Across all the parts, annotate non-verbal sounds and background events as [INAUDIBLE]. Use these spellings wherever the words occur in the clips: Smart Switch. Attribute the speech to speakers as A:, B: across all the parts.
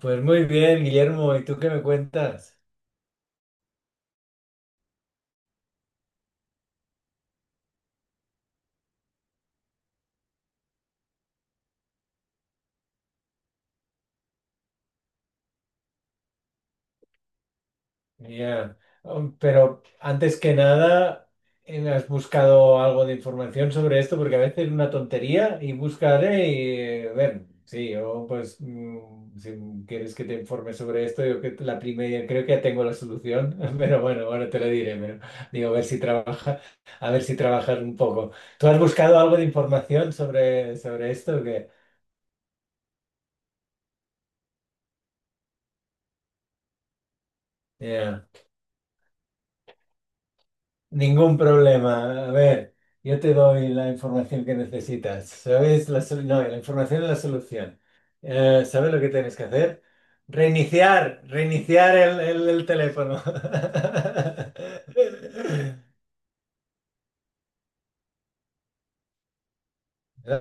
A: Pues muy bien, Guillermo, ¿y tú qué me cuentas? Pero antes que nada, ¿has buscado algo de información sobre esto? Porque a veces es una tontería y buscaré y ver, sí, o pues si quieres que te informe sobre esto, yo que la primera, creo que ya tengo la solución, [LAUGHS] pero bueno, ahora te lo diré, pero digo, a ver si trabaja, a ver si trabajas un poco. ¿Tú has buscado algo de información sobre esto? ¿O qué? Ya. Ningún problema. A ver, yo te doy la información que necesitas. ¿Sabes? No, la información es la solución. ¿Sabes lo que tienes que hacer? Reiniciar el teléfono. [LAUGHS]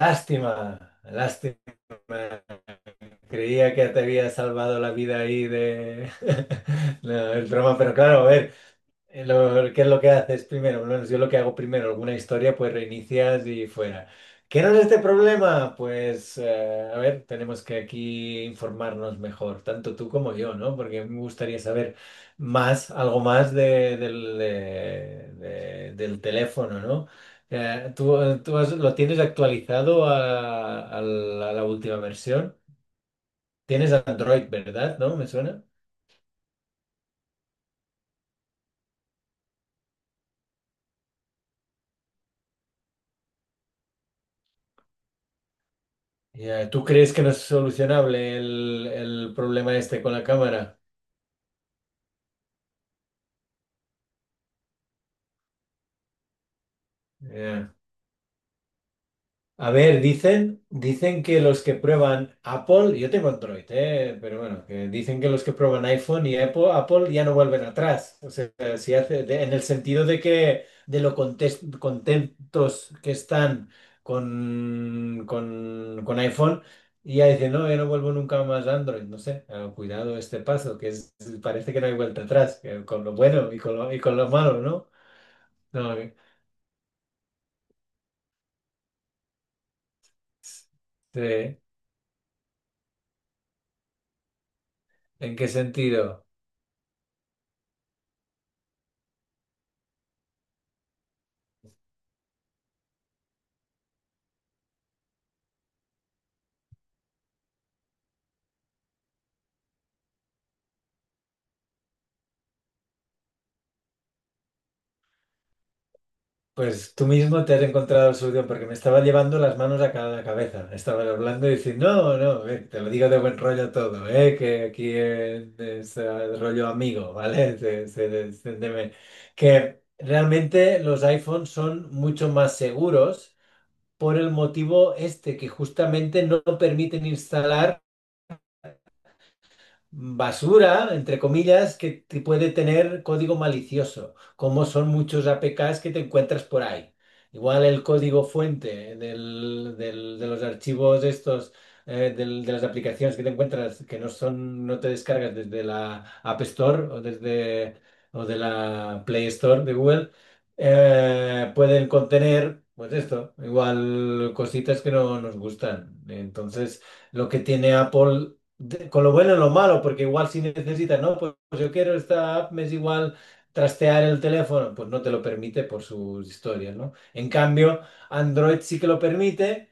A: Lástima, lástima. Creía que te había salvado la vida ahí de... [LAUGHS] No, el broma, pero claro, a ver. ¿Qué es lo que haces primero? Por lo menos yo lo que hago primero, alguna historia, pues reinicias y fuera. ¿Qué era este problema? Pues, a ver, tenemos que aquí informarnos mejor, tanto tú como yo, ¿no? Porque me gustaría saber más, algo más del teléfono, ¿no? ¿ Lo tienes actualizado a la última versión? Tienes Android, ¿verdad? ¿No? ¿Me suena? Ya, ¿tú crees que no es solucionable el problema este con la cámara? Ya. A ver, dicen que los que prueban Apple, yo tengo Android, pero bueno, que dicen que los que prueban iPhone y Apple ya no vuelven atrás. O sea, si hace, en el sentido de que de lo contentos que están con, con iPhone, y ya dicen, no, yo no vuelvo nunca más a Android. No sé, cuidado este paso, que es- parece que no hay vuelta atrás, que con lo bueno y con lo malo, ¿no? No, sí. ¿En qué sentido? Pues tú mismo te has encontrado la solución, porque me estaba llevando las manos a cada cabeza. Estaba hablando y diciendo, no, no, te lo digo de buen rollo todo, que aquí es rollo amigo, ¿vale? [LAUGHS] Que realmente los iPhones son mucho más seguros por el motivo este, que justamente no permiten instalar basura, entre comillas, que te puede tener código malicioso, como son muchos APKs que te encuentras por ahí. Igual el código fuente de los archivos estos, de las aplicaciones que te encuentras, que no son, no te descargas desde la App Store o desde o de la Play Store de Google, pueden contener, pues esto, igual cositas que no nos gustan. Entonces, lo que tiene Apple con lo bueno y lo malo, porque igual si necesitas, no, pues, pues yo quiero esta app, me es igual trastear el teléfono, pues no te lo permite por sus historias, ¿no? En cambio, Android sí que lo permite,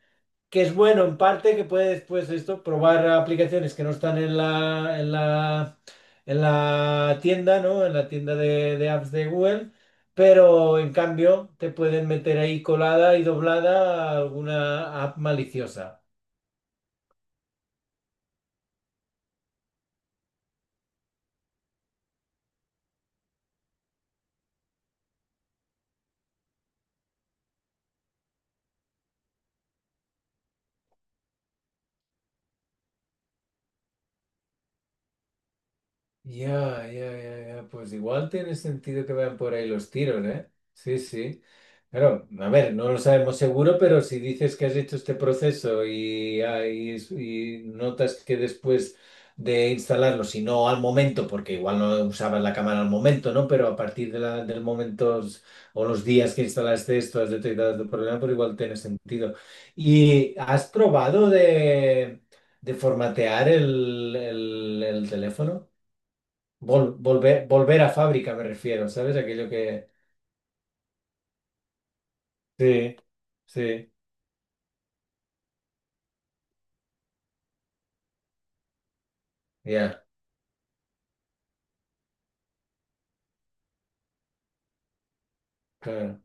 A: que es bueno en parte, que puedes, pues esto, probar aplicaciones que no están en la tienda, ¿no? En la tienda de apps de Google. Pero en cambio te pueden meter ahí colada y doblada alguna app maliciosa. Ya, ya, ya, ya. Pues igual tiene sentido que vayan por ahí los tiros, ¿eh? Sí, sí. Claro, a ver, no lo sabemos seguro, pero si dices que has hecho este proceso y, ah, y es- y notas que después de instalarlo, si no al momento, porque igual no usabas la cámara al momento, ¿no? Pero a partir de del momento s- o los días que instalaste esto, has detectado tu problema, pues igual tiene sentido. ¿Y has probado de formatear el teléfono? Volver a fábrica me refiero, ¿sabes? Aquello que... Sí, sí, ya, claro,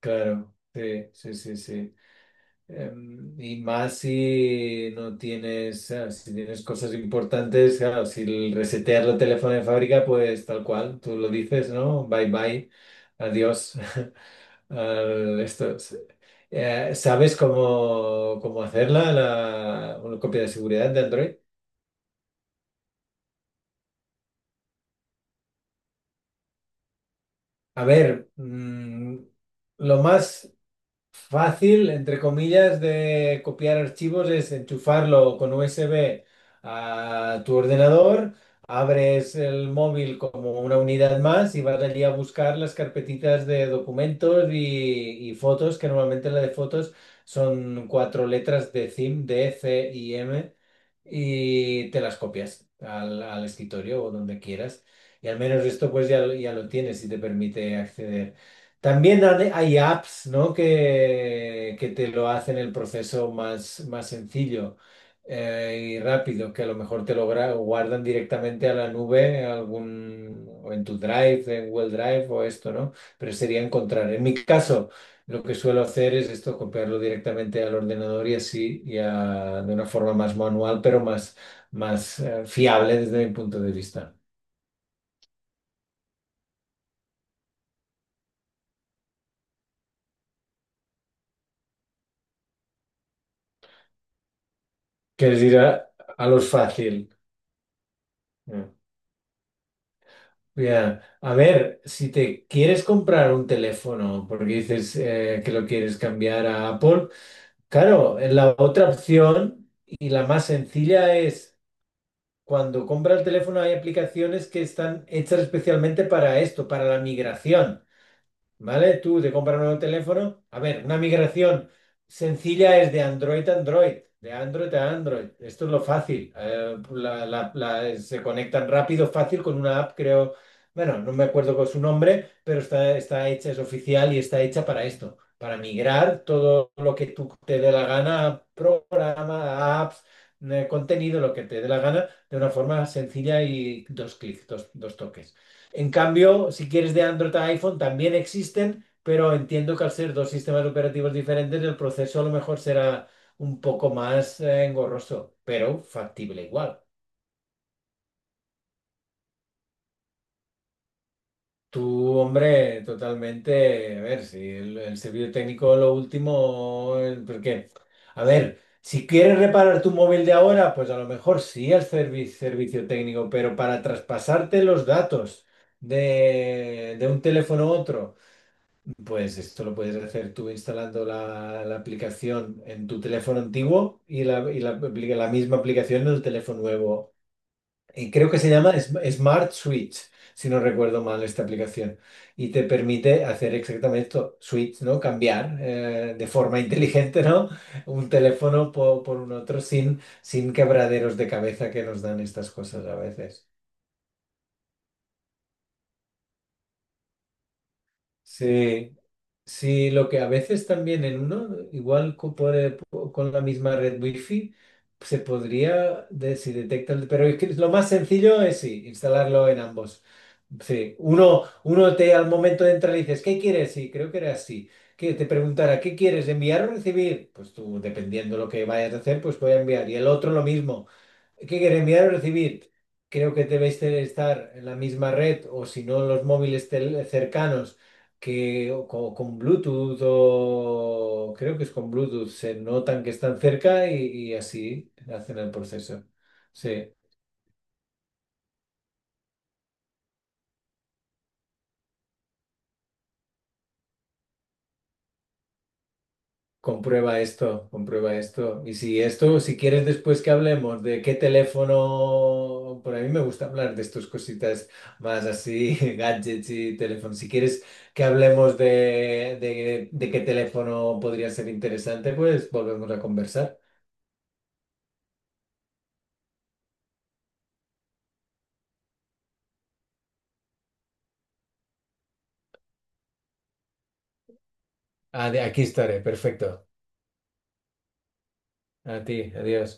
A: claro, sí, sí, sí, sí. Y más si no tienes, ah, si tienes cosas importantes, claro, si el resetear el teléfono de fábrica, pues tal cual, tú lo dices, ¿no? Bye bye, adiós. [LAUGHS] al esto. ¿Sabes cómo hacerla, la, una copia de seguridad de Android? A ver, lo más... Fácil, entre comillas, de copiar archivos es enchufarlo con USB a tu ordenador, abres el móvil como una unidad más y vas allí a buscar las carpetitas de documentos y fotos, que normalmente la de fotos son cuatro letras de CIM, D, C y M, y te las copias al, al escritorio o donde quieras. Y al menos esto pues ya, ya lo tienes y te permite acceder. También hay apps, ¿no? Que te lo hacen el proceso más, más sencillo y rápido, que a lo mejor te lo guardan directamente a la nube, algún, o en tu Drive, en Google Drive o esto, ¿no? Pero sería encontrar. En mi caso, lo que suelo hacer es esto, copiarlo directamente al ordenador y así, ya de una forma más manual, pero más, más fiable desde mi punto de vista. Que es ir a lo fácil. Mm. Ya. A ver, si te quieres comprar un teléfono porque dices que lo quieres cambiar a Apple, claro, la otra opción y la más sencilla es cuando compras el teléfono hay aplicaciones que están hechas especialmente para esto, para la migración. ¿Vale? Tú te compras un nuevo teléfono. A ver, una migración sencilla es de Android a Android, de Android a Android. Esto es lo fácil. Se conectan rápido, fácil con una app, creo. Bueno, no me acuerdo con su nombre, pero está, está hecha, es oficial y está hecha para esto, para migrar todo lo que tú te dé la gana, programa, apps, contenido, lo que te dé la gana, de una forma sencilla y dos clics, dos toques. En cambio, si quieres de Android a iPhone, también existen, pero entiendo que al ser dos sistemas operativos diferentes, el proceso a lo mejor será un poco más engorroso, pero factible igual. Tú, hombre, totalmente, a ver, si el servicio técnico lo último, porque, a ver, si quieres reparar tu móvil de ahora, pues a lo mejor sí el servicio técnico, pero para traspasarte los datos de un teléfono a otro. Pues esto lo puedes hacer tú instalando la aplicación en tu teléfono antiguo y la la misma aplicación en el teléfono nuevo. Y creo que se llama Smart Switch, si no recuerdo mal esta aplicación. Y te permite hacer exactamente esto, switch, ¿no? Cambiar de forma inteligente, ¿no? Un teléfono por, un otro sin, sin quebraderos de cabeza que nos dan estas cosas a veces. Sí. Sí, lo que a veces también en uno, igual con la misma red wifi, se podría, de- si detecta el- pero es que lo más sencillo es sí, instalarlo en ambos. Sí, uno te al momento de entrar le dices, ¿qué quieres? Sí, creo que era así. Que te preguntará, ¿qué quieres? ¿Enviar o recibir? Pues tú, dependiendo lo que vayas a hacer, pues voy a enviar. Y el otro lo mismo. ¿Qué quieres enviar o recibir? Creo que debéis de estar en la misma red o si no en los móviles cercanos que o con, Bluetooth o creo que es con Bluetooth, se notan que están cerca y así hacen el proceso. Sí. Comprueba esto, comprueba esto. Y si esto, si quieres después que hablemos de qué teléfono, por a mí me gusta hablar de estas cositas más así, [LAUGHS] gadgets y teléfonos. Si quieres que hablemos de qué teléfono podría ser interesante, pues volvemos a conversar. Ah, aquí estaré, perfecto. A ti, adiós.